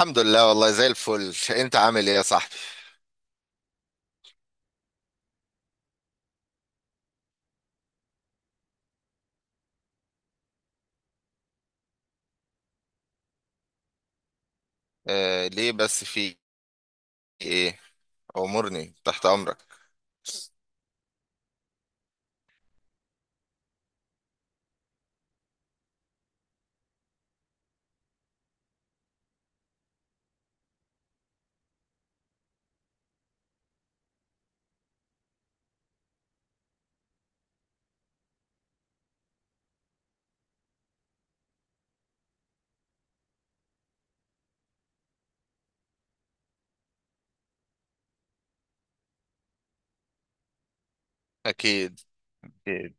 الحمد لله، والله زي الفل. انت عامل ايه يا صاحبي؟ آه، ليه بس؟ في ايه؟ امورني، تحت امرك. اكيد، اكيد.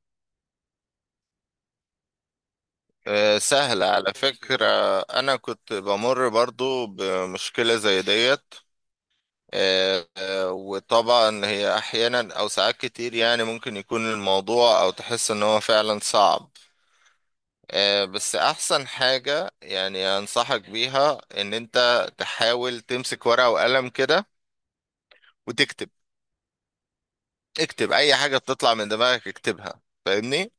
آه، سهل على فكرة. انا كنت بمر برضو بمشكلة زي ديت. آه، آه، وطبعا هي احيانا او ساعات كتير يعني ممكن يكون الموضوع او تحس ان هو فعلا صعب. آه، بس احسن حاجة يعني انصحك بيها ان انت تحاول تمسك ورقة وقلم كده وتكتب. اكتب اي حاجة بتطلع من دماغك، اكتبها. فاهمني؟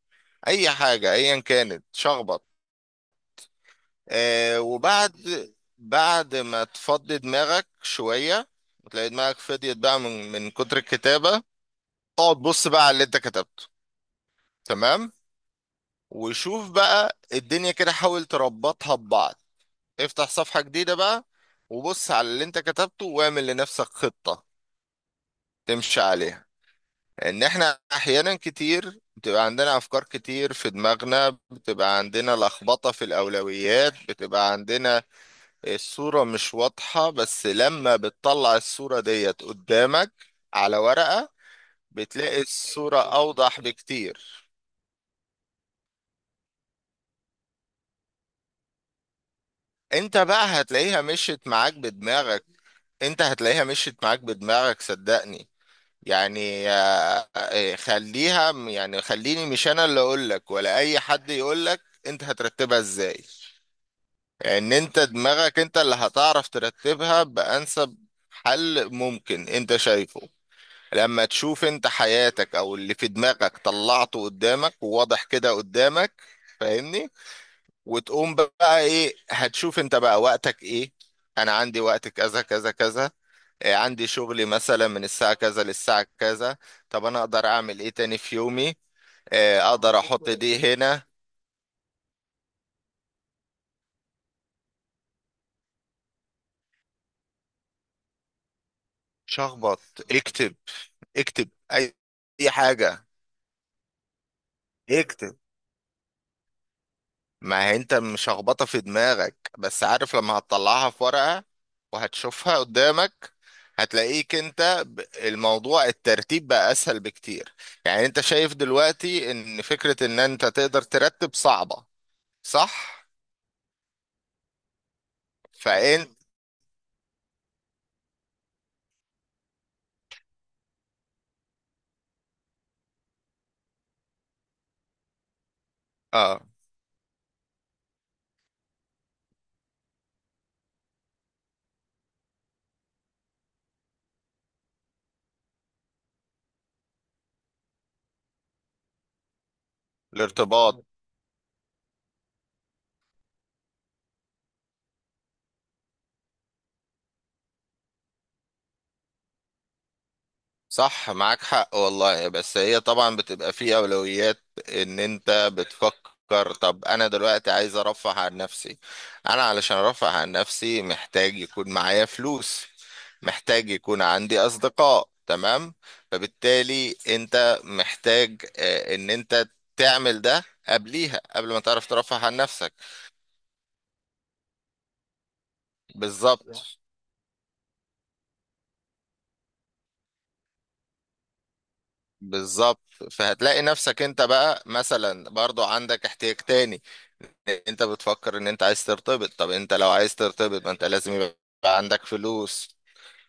اي حاجة ايا كانت، شخبط. آه، وبعد بعد ما تفضي دماغك شوية وتلاقي دماغك فضيت بقى من كتر الكتابة، اقعد بص بقى على اللي انت كتبته. تمام؟ وشوف بقى الدنيا، كده حاول تربطها ببعض. افتح صفحة جديدة بقى، وبص على اللي انت كتبته واعمل لنفسك خطة تمشي عليها. ان احنا احيانا كتير بتبقى عندنا افكار كتير في دماغنا، بتبقى عندنا لخبطة في الاولويات، بتبقى عندنا الصورة مش واضحة. بس لما بتطلع الصورة ديت قدامك على ورقة، بتلاقي الصورة اوضح بكتير. انت بقى هتلاقيها مشيت معاك بدماغك. انت هتلاقيها مشيت معاك بدماغك، صدقني. يعني خليها، يعني خليني مش انا اللي اقولك ولا اي حد يقولك انت هترتبها ازاي. ان انت دماغك انت اللي هتعرف ترتبها بانسب حل ممكن انت شايفه، لما تشوف انت حياتك او اللي في دماغك طلعته قدامك وواضح كده قدامك. فاهمني؟ وتقوم بقى ايه؟ هتشوف انت بقى وقتك ايه. انا عندي وقت كذا كذا كذا. عندي شغلي مثلا من الساعة كذا للساعة كذا، طب انا اقدر اعمل ايه تاني في يومي؟ اقدر احط دي هنا. شخبط، اكتب، اكتب أي حاجة، اكتب. ما هي انت مش هخبطه في دماغك، بس عارف لما هتطلعها في ورقة وهتشوفها قدامك، هتلاقيك انت الموضوع، الترتيب بقى اسهل بكتير. يعني انت شايف دلوقتي ان فكرة ان انت تقدر ترتب صعبة، صح؟ فانت، اه، الارتباط، صح. معاك حق والله، بس هي طبعا بتبقى في أولويات. إن أنت بتفكر، طب أنا دلوقتي عايز أرفه عن نفسي، أنا علشان أرفه عن نفسي محتاج يكون معايا فلوس، محتاج يكون عندي أصدقاء. تمام؟ فبالتالي أنت محتاج، إن أنت تعمل ده قبليها، قبل ما تعرف ترفه عن نفسك. بالظبط، بالظبط. فهتلاقي نفسك أنت بقى مثلا برضو عندك احتياج تاني. انت بتفكر ان انت عايز ترتبط، طب انت لو عايز ترتبط، ما انت لازم يبقى عندك فلوس،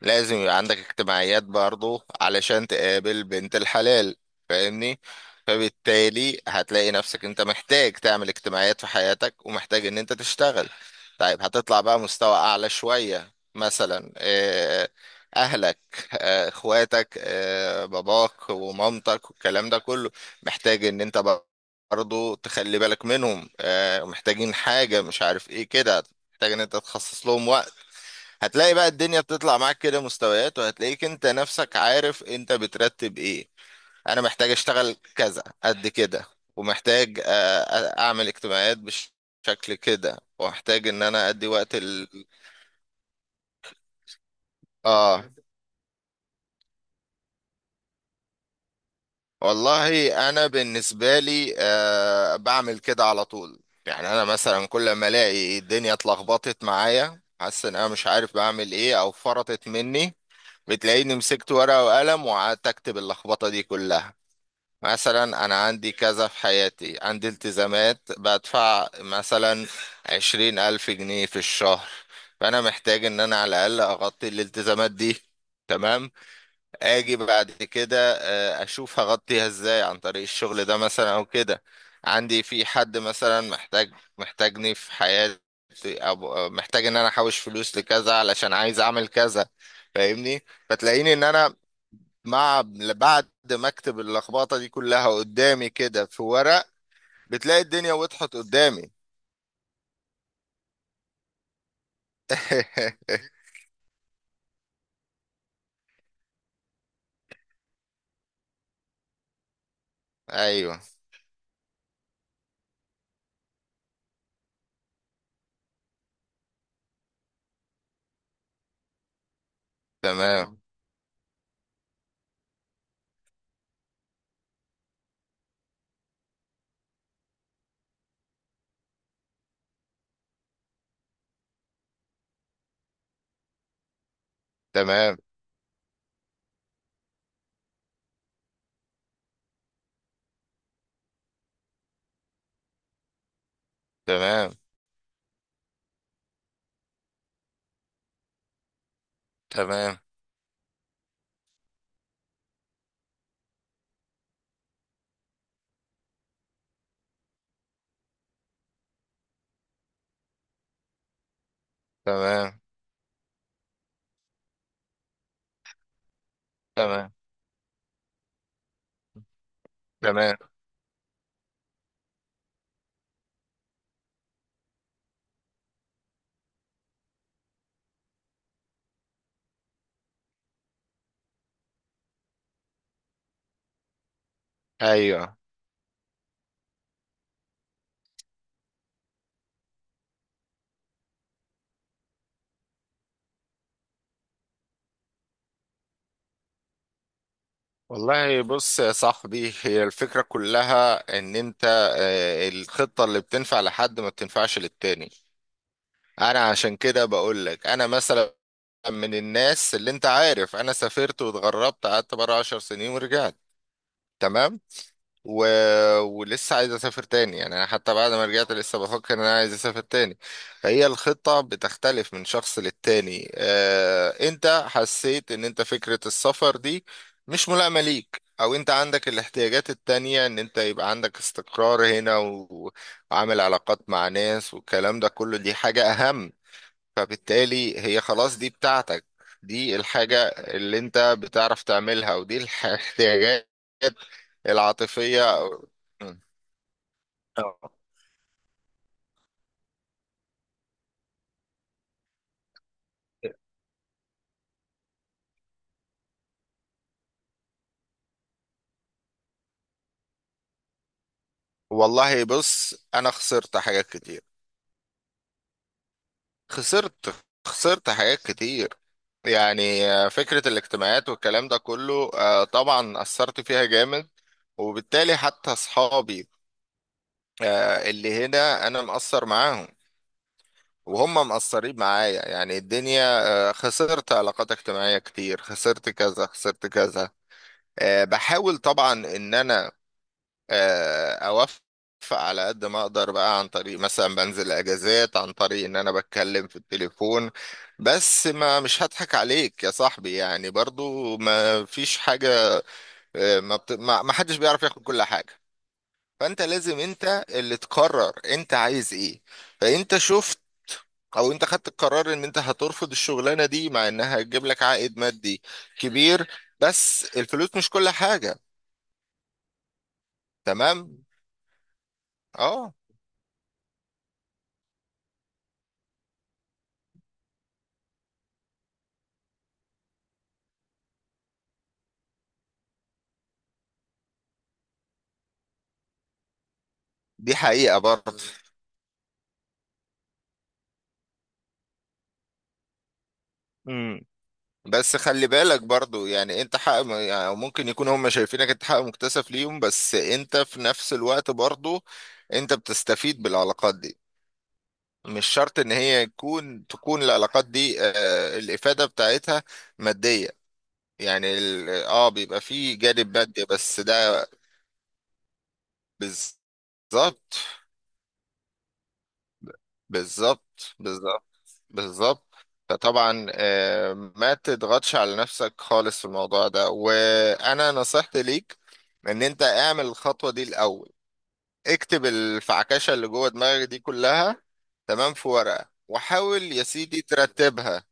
لازم يبقى عندك اجتماعيات برضه علشان تقابل بنت الحلال. فاهمني؟ فبالتالي هتلاقي نفسك انت محتاج تعمل اجتماعيات في حياتك، ومحتاج ان انت تشتغل. طيب هتطلع بقى مستوى اعلى شوية، مثلا اهلك، اخواتك، باباك ومامتك والكلام ده كله. محتاج ان انت برضه تخلي بالك منهم، محتاجين حاجة مش عارف ايه كده، محتاج ان انت تخصص لهم وقت. هتلاقي بقى الدنيا بتطلع معاك كده مستويات، وهتلاقيك انت نفسك عارف انت بترتب ايه. انا محتاج اشتغل كذا قد كده، ومحتاج اعمل اجتماعات بشكل كده، ومحتاج ان انا ادي وقت ال... اه، والله انا بالنسبة لي، آه، بعمل كده على طول. يعني انا مثلا كل ما الاقي الدنيا اتلخبطت معايا، حاسس ان انا مش عارف بعمل ايه او فرطت مني، بتلاقيني مسكت ورقة وقلم وقعدت اكتب اللخبطة دي كلها. مثلا انا عندي كذا في حياتي، عندي التزامات بدفع مثلا 20,000 جنيه في الشهر، فانا محتاج ان انا على الاقل اغطي الالتزامات دي. تمام؟ اجي بعد كده، اشوف هغطيها ازاي عن طريق الشغل ده مثلا، او كده عندي في حد مثلا محتاج، محتاجني في حياتي، او محتاج ان انا احوش فلوس لكذا علشان عايز اعمل كذا. فاهمني؟ فتلاقيني ان انا مع بعد ما اكتب اللخبطه دي كلها قدامي كده في ورق، بتلاقي الدنيا وضحت قدامي. ايوه. تمام، تمام، تمام، تمام، تمام، تمام، تمام. ايوه والله، بص يا صاحبي، هي الفكره كلها ان انت، الخطه اللي بتنفع لحد ما بتنفعش للتاني. انا عشان كده بقول لك، انا مثلا من الناس اللي انت عارف انا سافرت واتغربت، قعدت بره عشر سنين ورجعت. تمام؟ و... ولسه عايز اسافر تاني، يعني انا حتى بعد ما رجعت لسه بفكر ان انا عايز اسافر تاني. فهي الخطة بتختلف من شخص للتاني. انت حسيت ان انت فكرة السفر دي مش ملائمة ليك، او انت عندك الاحتياجات التانية ان انت يبقى عندك استقرار هنا، و... وعامل علاقات مع ناس والكلام ده كله، دي حاجة اهم. فبالتالي هي خلاص دي بتاعتك، دي الحاجة اللي انت بتعرف تعملها، ودي الاحتياجات العاطفية. مم. اه والله بص، انا خسرت حاجات كتير. خسرت، خسرت حاجات كتير. يعني فكرة الاجتماعات والكلام ده كله، طبعا اثرت فيها جامد. وبالتالي حتى اصحابي اللي هنا، انا مأثر معاهم وهم مقصرين معايا. يعني الدنيا، خسرت علاقات اجتماعية كتير، خسرت كذا، خسرت كذا. بحاول طبعا ان انا، اوفق على قد ما اقدر بقى، عن طريق مثلا بنزل اجازات، عن طريق ان انا بتكلم في التليفون. بس ما، مش هضحك عليك يا صاحبي، يعني برضو ما فيش حاجة، آه، ما, بت... ما ما حدش بيعرف ياخد كل حاجة. فانت لازم انت اللي تقرر انت عايز ايه. فانت شوف، او انت خدت القرار ان انت هترفض الشغلانه دي مع انها هتجيب لك عائد مادي كبير، بس الفلوس مش كل حاجه. تمام، اه، دي حقيقه برضه. امم، بس خلي بالك برضو، يعني انت حق، يعني ممكن يكون هم شايفينك انت حق مكتسب ليهم، بس انت في نفس الوقت برضو انت بتستفيد بالعلاقات دي. مش شرط ان هي تكون العلاقات دي، آه، الافادة بتاعتها مادية. يعني ال، اه، بيبقى فيه جانب مادي، بس ده بالظبط، بالظبط، بالظبط، بالظبط. فطبعا ما تضغطش على نفسك خالص في الموضوع ده. وانا نصيحتي ليك ان انت اعمل الخطوة دي الاول، اكتب الفعكشة اللي جوه دماغك دي كلها، تمام، في ورقة، وحاول يا سيدي ترتبها.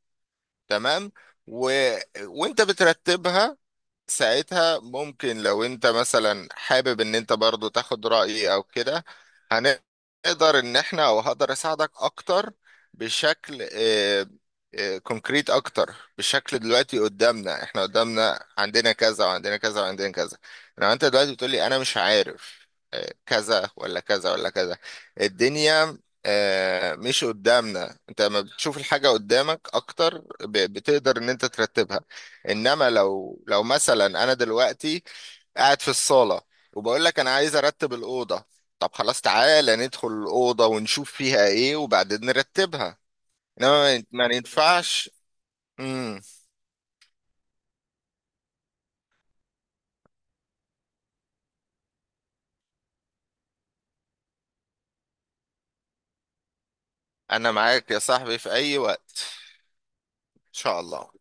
تمام، و... وانت بترتبها ساعتها، ممكن لو انت مثلا حابب ان انت برضو تاخد رأيي او كده، هنقدر ان احنا او هقدر اساعدك اكتر بشكل، اه، اه، كونكريت اكتر. بشكل دلوقتي قدامنا، احنا قدامنا عندنا كذا، وعندنا كذا، وعندنا كذا. لو انت دلوقتي بتقولي انا مش عارف، اه، كذا ولا كذا ولا كذا، الدنيا، اه، مش قدامنا. انت لما بتشوف الحاجة قدامك اكتر، بتقدر ان انت ترتبها. انما لو مثلا انا دلوقتي قاعد في الصاله، وبقول لك انا عايز ارتب الاوضه، طب خلاص تعالى ندخل الاوضه ونشوف فيها ايه وبعدين نرتبها. انما ما ينفعش. امم. انا معاك يا صاحبي في اي وقت. ان شاء الله.